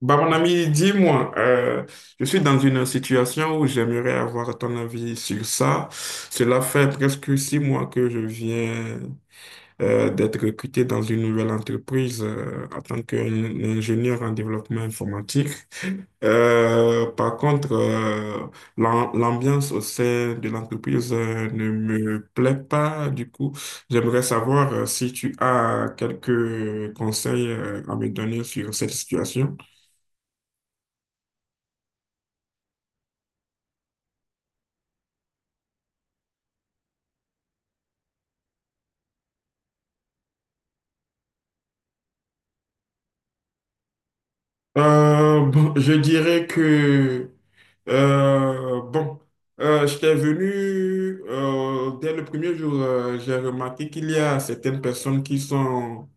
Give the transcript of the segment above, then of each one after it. Bah, mon ami, dis-moi, je suis dans une situation où j'aimerais avoir ton avis sur ça. Cela fait presque 6 mois que je viens d'être recruté dans une nouvelle entreprise en tant qu'ingénieur en développement informatique. Par contre, l'ambiance au sein de l'entreprise ne me plaît pas. Du coup, j'aimerais savoir si tu as quelques conseils à me donner sur cette situation. Bon, je dirais que, bon, j'étais venu dès le premier jour. J'ai remarqué qu'il y a certaines personnes qui sont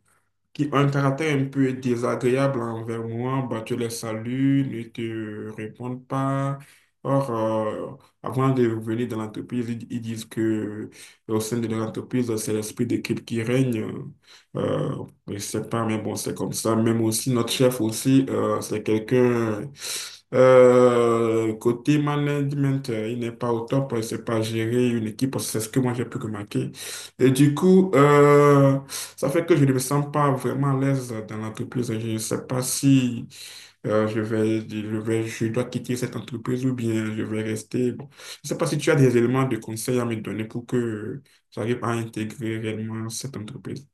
qui ont un caractère un peu désagréable envers moi. Bah, tu les salues, ne te répondent pas. Or, avant de venir dans l'entreprise, ils disent que au sein de l'entreprise, c'est l'esprit d'équipe qui règne. Euh, je sais pas, mais bon, c'est comme ça. Même aussi, notre chef aussi, c'est quelqu'un... côté management, il n'est pas au top, il ne sait pas gérer une équipe, parce que c'est ce que moi j'ai pu remarquer. Et du coup, ça fait que je ne me sens pas vraiment à l'aise dans l'entreprise. Je ne sais pas si je vais, je dois quitter cette entreprise ou bien je vais rester. Bon, je ne sais pas si tu as des éléments de conseil à me donner pour que j'arrive à intégrer réellement cette entreprise.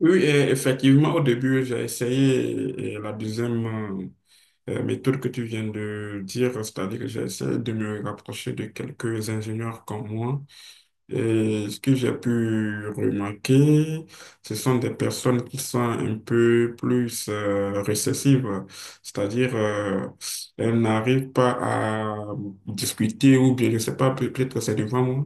Oui, et effectivement, au début, j'ai essayé et la deuxième méthode que tu viens de dire, c'est-à-dire que j'ai essayé de me rapprocher de quelques ingénieurs comme moi. Et ce que j'ai pu remarquer, ce sont des personnes qui sont un peu plus récessives, c'est-à-dire elles n'arrivent pas à discuter ou bien je ne sais pas, peut-être que c'est devant moi.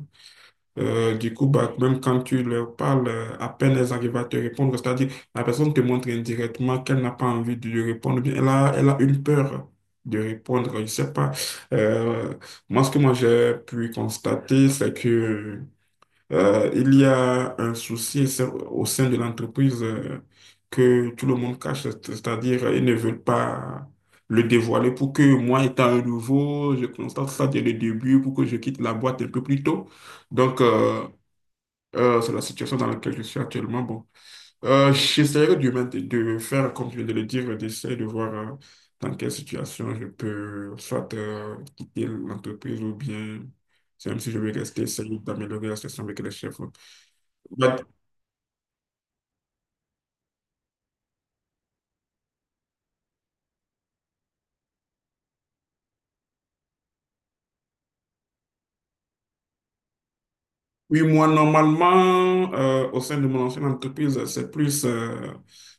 Du coup, bah, même quand tu leur parles, à peine elles arrivent à te répondre, c'est-à-dire la personne te montre indirectement qu'elle n'a pas envie de lui répondre, ou bien elle a, elle a une peur de répondre, je ne sais pas. Euh, Moi, ce que moi j'ai pu constater, c'est que il y a un souci au sein de l'entreprise que tout le monde cache, c'est-à-dire ils ne veulent pas le dévoiler pour que moi, étant un nouveau, je constate ça dès le début pour que je quitte la boîte un peu plus tôt. Donc, c'est la situation dans laquelle je suis actuellement. Bon, j'essaierai de, de faire, comme je viens de le dire, d'essayer de voir dans quelle situation je peux soit quitter l'entreprise ou bien, même si je veux rester, essayer d'améliorer la situation avec les chefs. Bah, oui, moi, normalement, au sein de mon ancienne entreprise, c'est plus euh,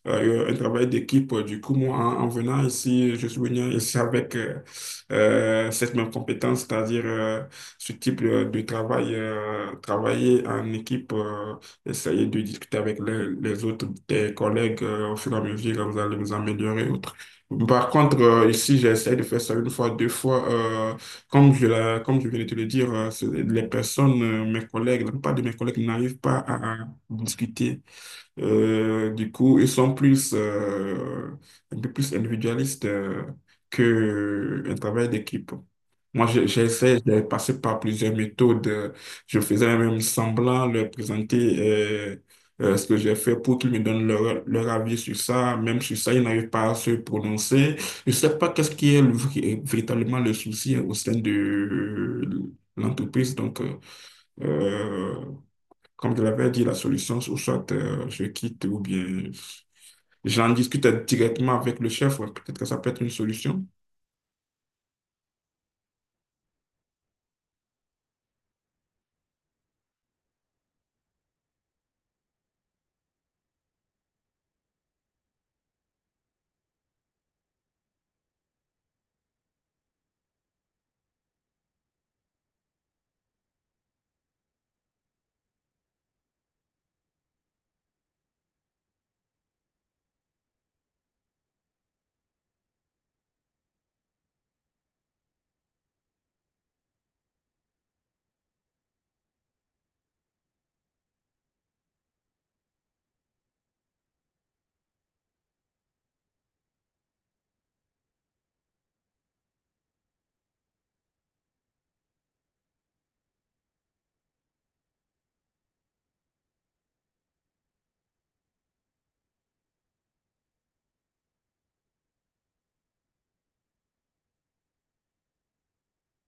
euh, euh, un travail d'équipe. Du coup, moi, en venant ici, je suis venu ici avec cette même compétence, c'est-à-dire ce type de travail, travailler en équipe, essayer de discuter avec les autres, tes collègues, au fur et à mesure, vous allez vous améliorer. Autre. Par contre, ici, j'ai essayé de faire ça une fois, deux fois. Comme je, comme je viens de te le dire, les personnes, mes collègues, la plupart de mes collègues n'arrivent pas à discuter. Du coup, ils sont plus, un peu plus individualistes que un travail d'équipe. Moi, j'essaie, j'ai passé par plusieurs méthodes. Je faisais même semblant leur présenter ce que j'ai fait pour qu'ils me donnent leur avis sur ça. Même sur ça, ils n'arrivent pas à se prononcer. Je ne sais pas qu'est-ce qui est le véritablement le souci au sein de l'entreprise. Donc, euh, comme je l'avais dit, la solution, ou soit je quitte ou bien j'en discute directement avec le chef. Ouais, peut-être que ça peut être une solution.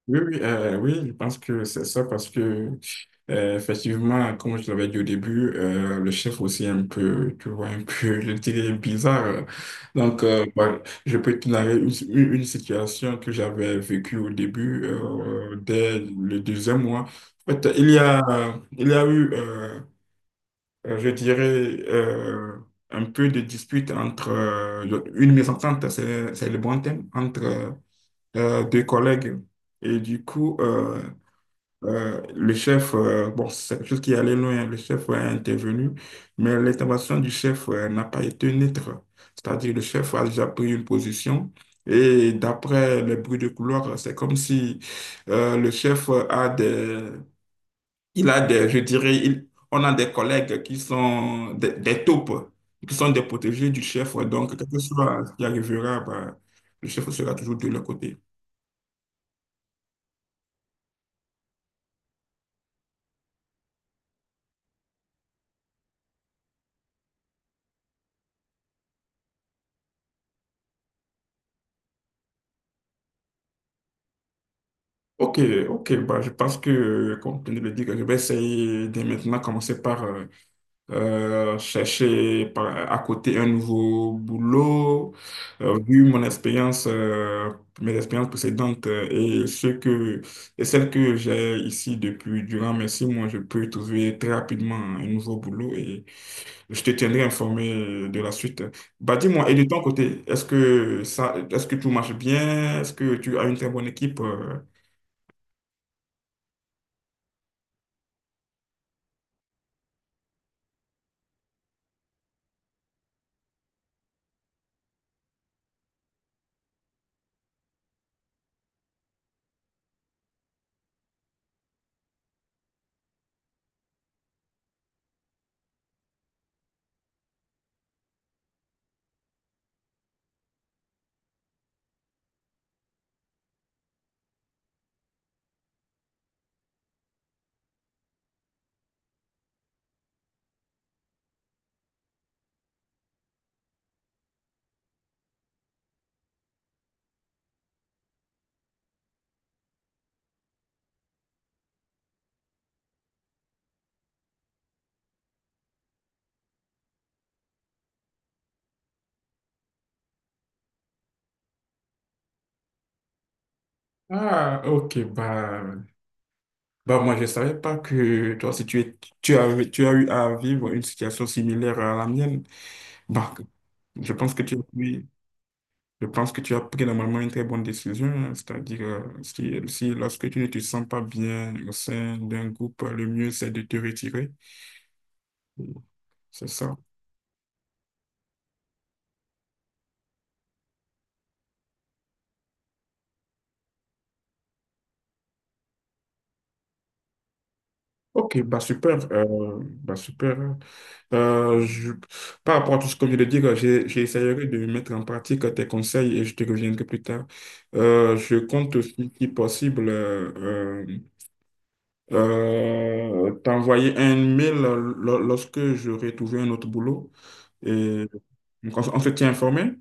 Oui, oui, oui, je pense que c'est ça parce que, effectivement, comme je l'avais dit au début, le chef aussi est un peu, tu vois, un peu, je dirais, bizarre. Donc, bah, je peux te narrer une, une situation que j'avais vécue au début, dès le deuxième mois. En fait, il y a eu, je dirais, un peu de dispute entre, une mésentente, c'est le bon thème entre deux collègues. Et du coup, le chef, bon, c'est quelque chose qui allait loin, le chef, ouais, est intervenu, mais l'intervention du chef n'a pas été neutre. C'est-à-dire le chef a déjà pris une position et d'après les bruits de couloir, c'est comme si le chef a des, il a des, je dirais, on a des collègues qui sont des taupes, qui sont des protégés du chef. Ouais. Donc, quel que soit ce qui arrivera, bah, le chef sera toujours de leur côté. Ok, ok, bah, je pense que, comme tu viens de le dire, je vais essayer de maintenant commencer par chercher à côté un nouveau boulot. Vu mon expérience, mes expériences précédentes et celles que j'ai ici depuis durant mes 6 mois, je peux trouver très rapidement un nouveau boulot et je te tiendrai informé de la suite. Bah, dis-moi, et de ton côté, est-ce que tout marche bien? Est-ce que tu as une très bonne équipe? Ah, ok, bah, bah moi je savais pas que toi si tu es, tu as eu à vivre une situation similaire à la mienne. Bah, je pense que tu as pris, je pense que tu as pris normalement une très bonne décision, hein, c'est-à-dire si lorsque tu ne te sens pas bien au sein d'un groupe, le mieux c'est de te retirer, c'est ça. Ok, bah super, bah super. Euh, je- Par rapport à tout ce que je viens de dire, j'essaierai de mettre en pratique tes conseils et je te reviendrai plus tard. Je compte aussi, si possible, t'envoyer un mail lorsque j'aurai trouvé un autre boulot. Et donc, on se tient informé.